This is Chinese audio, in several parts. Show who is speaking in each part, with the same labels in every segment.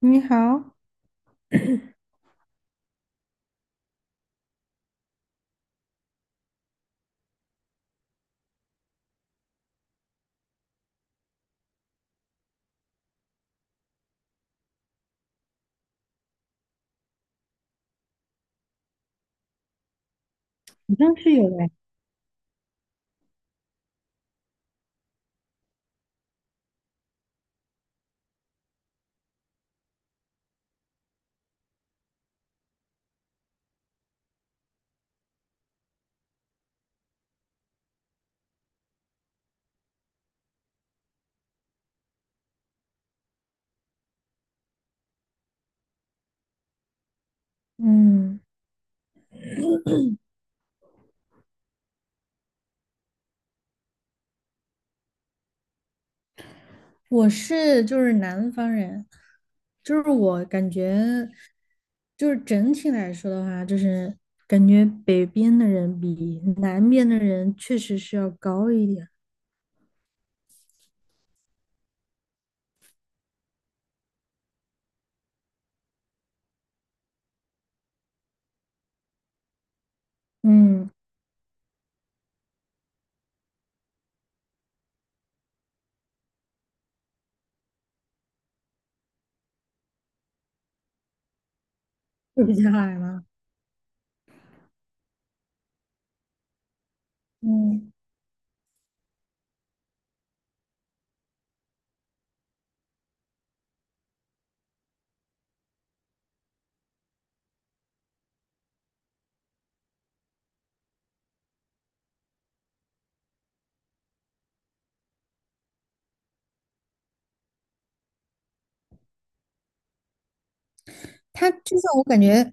Speaker 1: 你好，好像是有哎，嗯，我是就是南方人，就是我感觉，就是整体来说的话，就是感觉北边的人比南边的人确实是要高一点。嗯，嗯比较矮吗？嗯，他就像我感觉，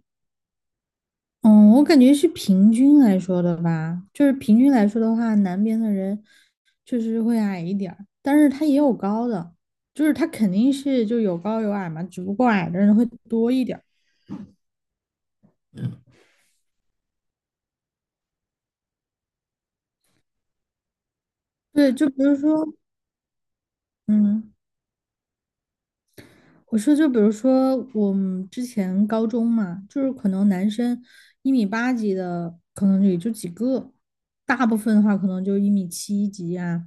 Speaker 1: 嗯，我感觉是平均来说的吧，就是平均来说的话，南边的人确实会矮一点儿，但是他也有高的，就是他肯定是就有高有矮嘛，只不过矮的人会多一点儿对，就比如说，嗯。我说，就比如说我们之前高中嘛，就是可能男生一米八几的，可能也就几个，大部分的话可能就一米七几啊，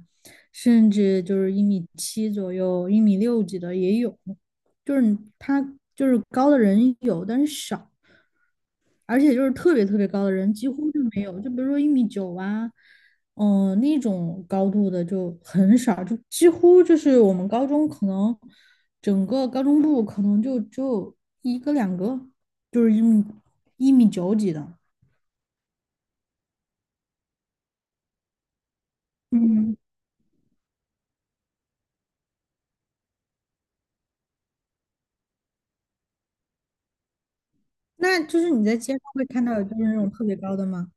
Speaker 1: 甚至就是一米七左右、一米六几的也有，就是他就是高的人有，但是少。而且就是特别特别高的人几乎就没有，就比如说一米九啊，那种高度的就很少，就几乎就是我们高中可能整个高中部可能就只有一个两个，就是一米九几的。嗯，那就是你在街上会看到有就是那种特别高的吗？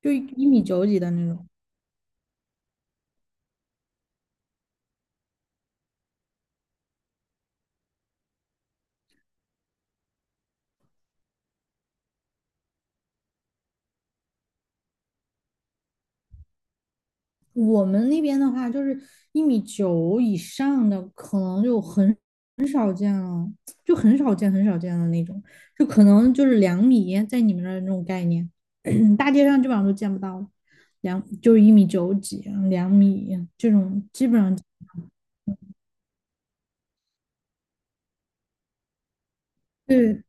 Speaker 1: 就一米九几的那种。我们那边的话，就是一米九以上的，可能就很少见了，就很少见、很少见的那种，就可能就是两米，在你们那儿那种概念，大街上基本上都见不到了。就是一米九几、两米这种，基本上对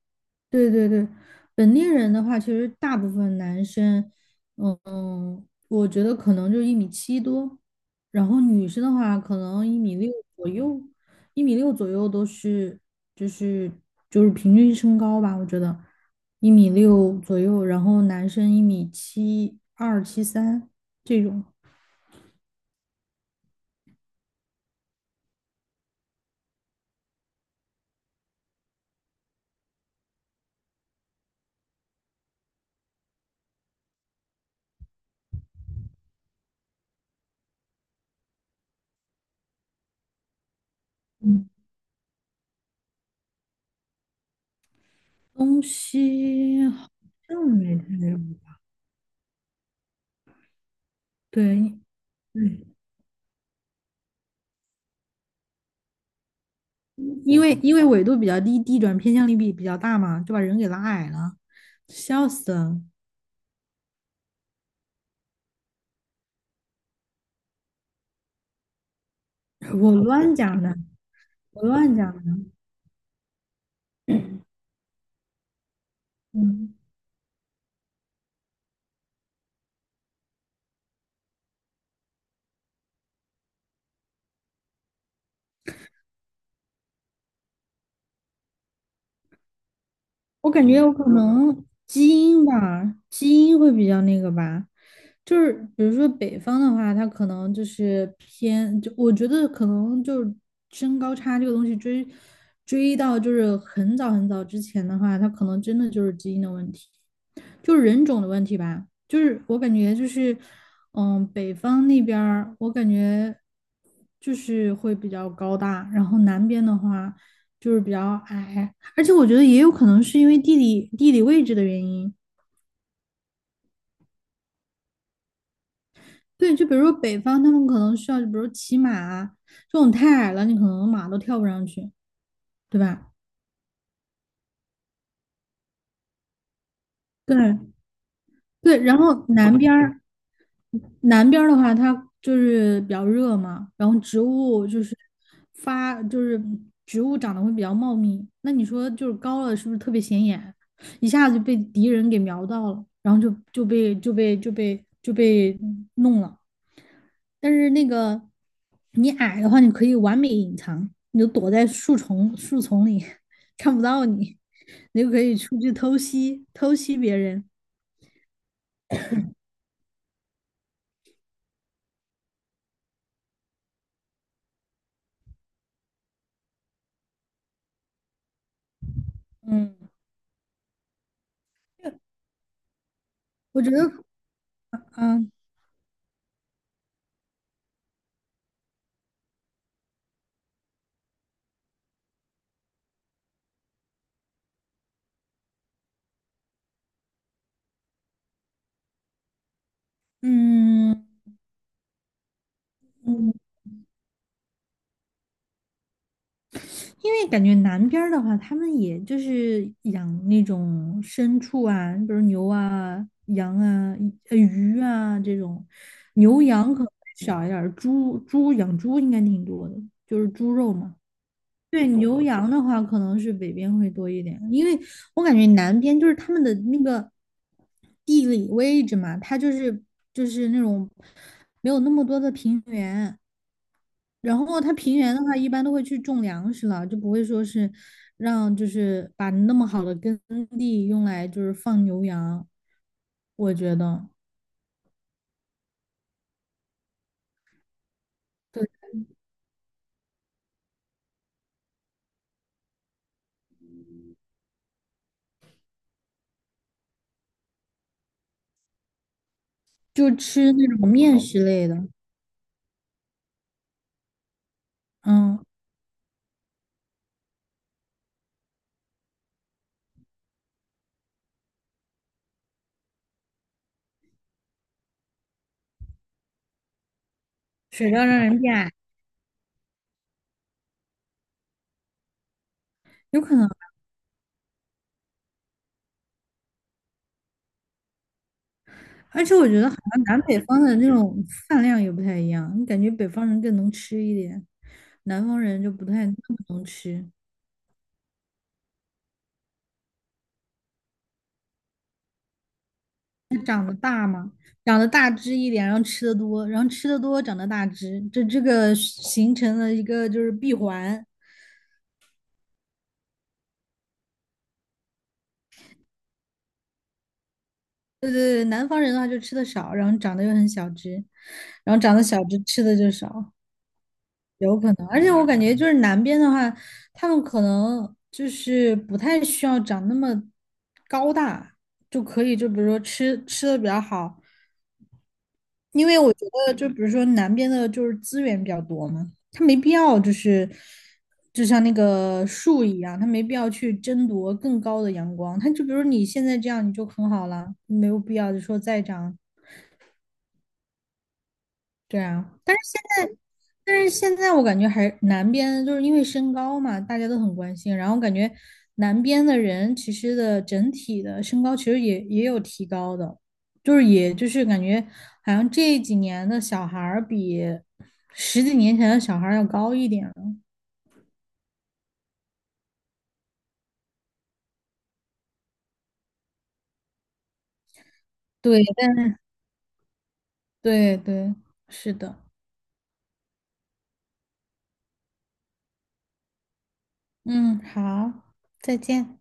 Speaker 1: 对对对，本地人的话，其实大部分男生，我觉得可能就一米七多，然后女生的话，可能一米六左右，都是，就是平均身高吧，我觉得一米六左右，然后男生一米七二、七三这种嗯东西好像没太有，对。对因为纬度比较低，地转偏向力比较大嘛，就把人给拉矮了，笑死了！我乱讲的，我乱讲的，嗯。我感觉有可能基因吧，基因会比较那个吧，就是比如说北方的话，他可能就是偏，就我觉得可能就是身高差这个东西追到就是很早很早之前的话，他可能真的就是基因的问题，就是人种的问题吧。就是我感觉就是，北方那边儿我感觉就是会比较高大，然后南边的话就是比较矮。而且我觉得也有可能是因为地理位置的原因。对，就比如说北方，他们可能需要，比如骑马啊，这种太矮了，你可能马都跳不上去，对吧？对对，然后南边儿的话，它就是比较热嘛，然后植物就是发，就是植物长得会比较茂密。那你说就是高了，是不是特别显眼？一下子就被敌人给瞄到了，然后就被弄了。但是那个你矮的话，你可以完美隐藏，你就躲在树丛树丛里，看不到你，你就可以出去偷袭偷袭别人。嗯，我觉得，嗯嗯。嗯，因为感觉南边儿的话，他们也就是养那种牲畜啊，比如牛啊、羊啊、鱼啊这种，牛羊可能少一点儿，猪养猪应该挺多的，就是猪肉嘛。对，牛羊的话可能是北边会多一点，因为我感觉南边就是他们的那个地理位置嘛，它就是那种没有那么多的平原。然后它平原的话，一般都会去种粮食了，就不会说是让就是把那么好的耕地用来就是放牛羊。我觉得，对，就吃那种面食类的，嗯，水稻让人变矮，有可能。而且我觉得好像南北方的那种饭量也不太一样，你感觉北方人更能吃一点，南方人就不太那么能吃。长得大只一点，然后吃的多，然后吃的多，长得大只，这个形成了一个就是闭环。对对对，南方人的话就吃的少，然后长得又很小只，然后长得小只吃的就少，有可能。而且我感觉就是南边的话，他们可能就是不太需要长那么高大，就可以就比如说吃的比较好，因为我觉得就比如说南边的就是资源比较多嘛，他没必要就是就像那个树一样，他没必要去争夺更高的阳光。他就比如你现在这样你就很好了，没有必要就说再长。对啊，但是现在我感觉还南边就是因为身高嘛，大家都很关心，然后感觉南边的人其实的整体的身高其实也有提高的，就是也就是感觉好像这几年的小孩儿比十几年前的小孩儿要高一点了。对对对，是的，嗯，好，再见。